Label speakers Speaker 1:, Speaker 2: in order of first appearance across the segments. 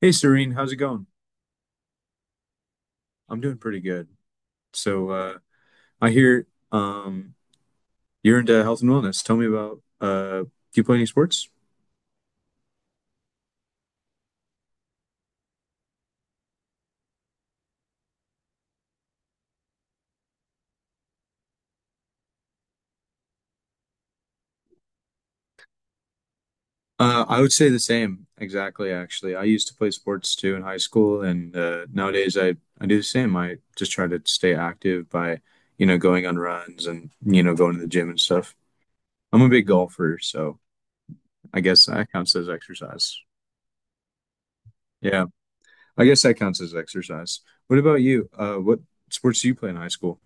Speaker 1: Hey, Serene, how's it going? I'm doing pretty good. So, uh, I hear um, you're into health and wellness. Tell me about do you play any sports? I would say the same, exactly, actually. I used to play sports too in high school, and nowadays I do the same. I just try to stay active by, going on runs and, going to the gym and stuff. I'm a big golfer, so I guess that counts as exercise. Yeah, I guess that counts as exercise. What about you? What sports do you play in high school?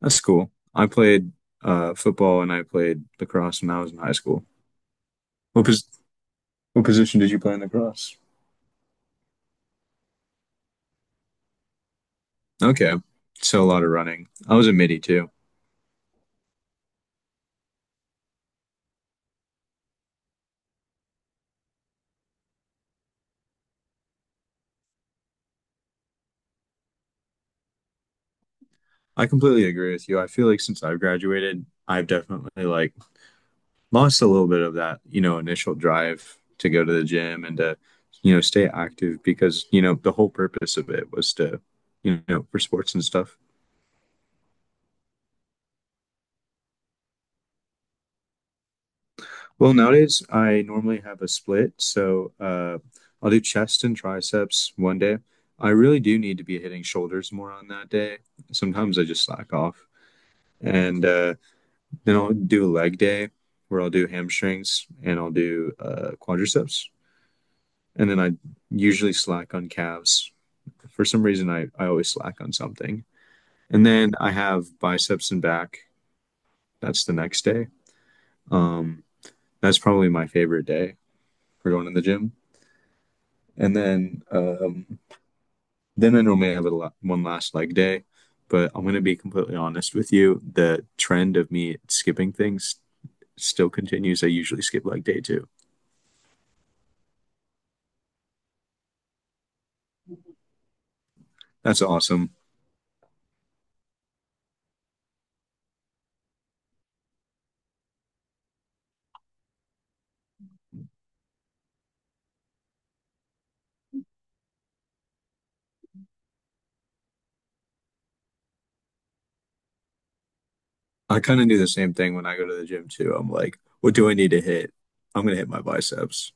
Speaker 1: That's cool. I played football and I played lacrosse when I was in high school. What pos what position did you play in lacrosse? Okay, so a lot of running. I was a midi too. I completely agree with you. I feel like since I've graduated, I've definitely like lost a little bit of that, initial drive to go to the gym and to, stay active because, the whole purpose of it was to, for sports and stuff. Well, nowadays I normally have a split, so I'll do chest and triceps one day. I really do need to be hitting shoulders more on that day. Sometimes I just slack off, and then I'll do a leg day where I'll do hamstrings and I'll do quadriceps, and then I usually slack on calves. For some reason, I always slack on something, and then I have biceps and back. That's the next day. Um, that's probably my favorite day for going to the gym. And then I normally have a la one last leg day, but I'm gonna be completely honest with you, the trend of me skipping things still continues. I usually skip leg day too. That's awesome. I kind of do the same thing when I go to the gym too. I'm like, what do I need to hit? I'm gonna hit my biceps.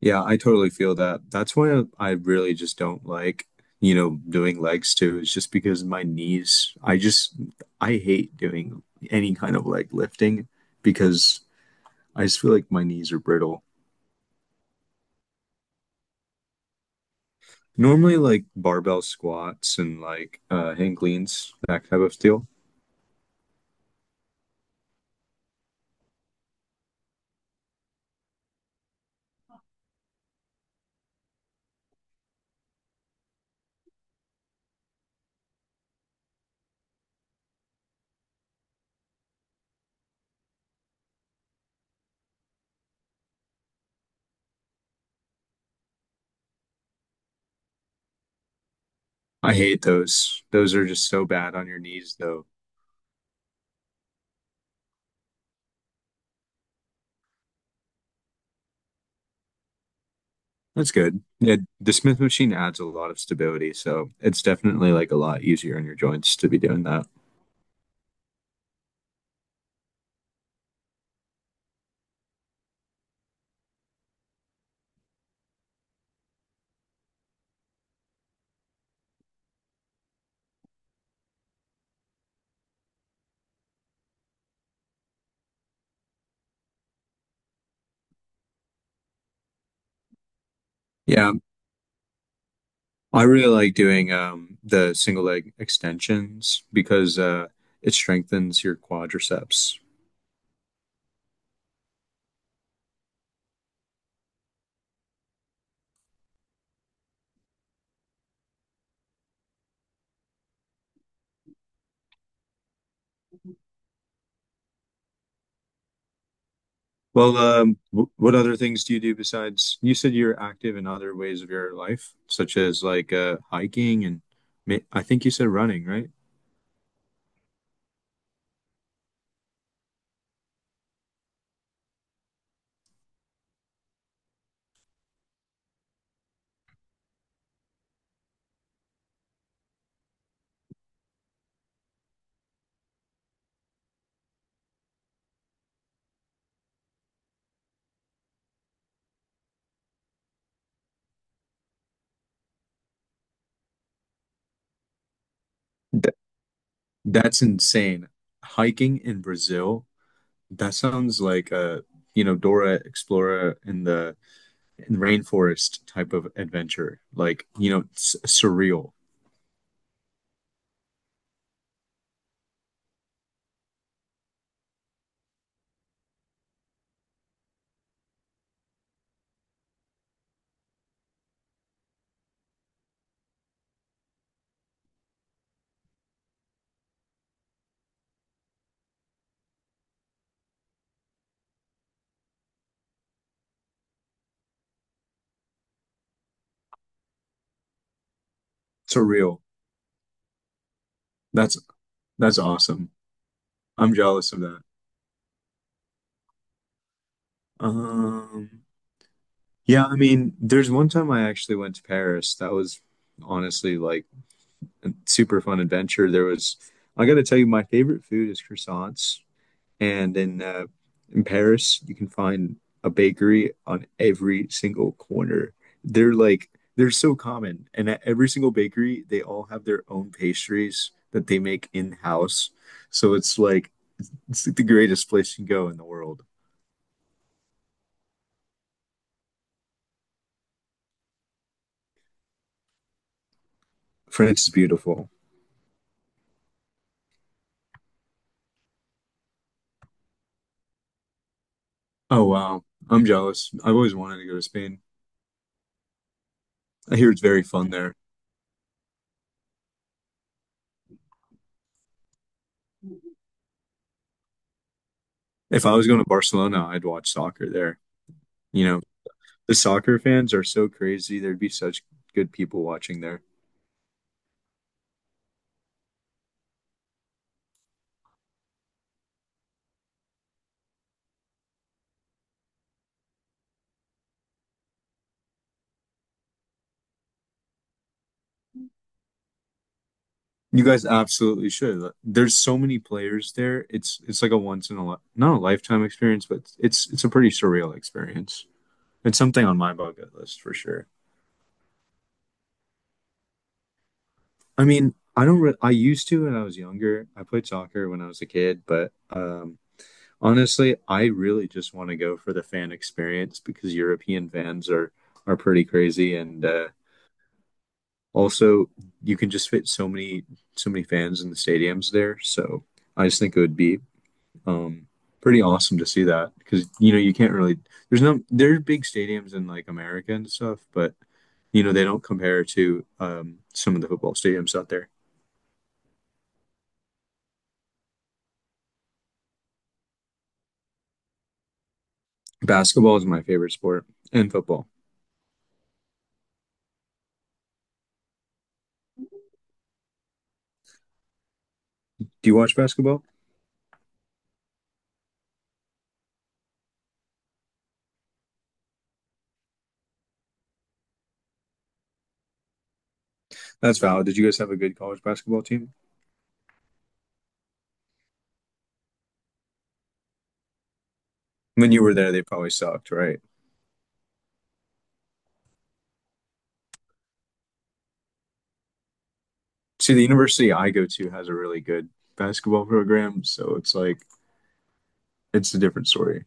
Speaker 1: Yeah, I totally feel that. That's why I really just don't like, doing legs too. It's just because my knees, I hate doing any kind of leg lifting because I just feel like my knees are brittle. Normally, like barbell squats and like hang cleans, that type of deal. I hate those. Those are just so bad on your knees, though. That's good. Yeah, the Smith machine adds a lot of stability, so it's definitely like a lot easier on your joints to be doing that. Yeah, I really like doing the single leg extensions because it strengthens your quadriceps. Well, what other things do you do besides you said you're active in other ways of your life, such as like hiking and I think you said running, right? Th that's insane. Hiking in Brazil, that sounds like you know, Dora Explorer in the in rainforest type of adventure. Like, you know, s surreal. Surreal. That's that's awesome. I'm jealous of that. Um, yeah, I mean, there's one time I actually went to Paris. That was honestly like a super fun adventure. I gotta tell you, my favorite food is croissants. And in Paris, you can find a bakery on every single corner. They're like they're so common, and at every single bakery, they all have their own pastries that they make in-house. So it's like the greatest place you can go in the world. France is beautiful. Oh wow. I'm jealous. I've always wanted to go to Spain. I hear it's very fun there. If I was going to Barcelona, I'd watch soccer there. You know, the soccer fans are so crazy. There'd be such good people watching there. You guys absolutely should. Like, there's so many players there. It's like a once in a li not a lifetime experience, but it's a pretty surreal experience. It's something on my bucket list for sure. I mean, I don't re I used to when I was younger. I played soccer when I was a kid, but honestly, I really just want to go for the fan experience because European fans are pretty crazy, and also you can just fit so many fans in the stadiums there. So I just think it would be um, pretty awesome to see that because you know you can't really there's no there's big stadiums in like America and stuff, but you know they don't compare to some of the football stadiums out there. Basketball is my favorite sport, and football. Do you watch basketball? That's valid. Did you guys have a good college basketball team? When you were there, they probably sucked, right? See, the university I go to has a really good basketball program, so it's a different story.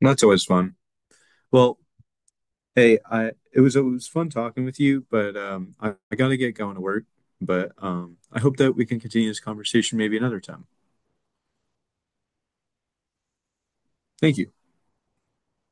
Speaker 1: And that's always fun. Well, hey, I it was fun talking with you, but I gotta get going to work. But I hope that we can continue this conversation maybe another time. Thank you.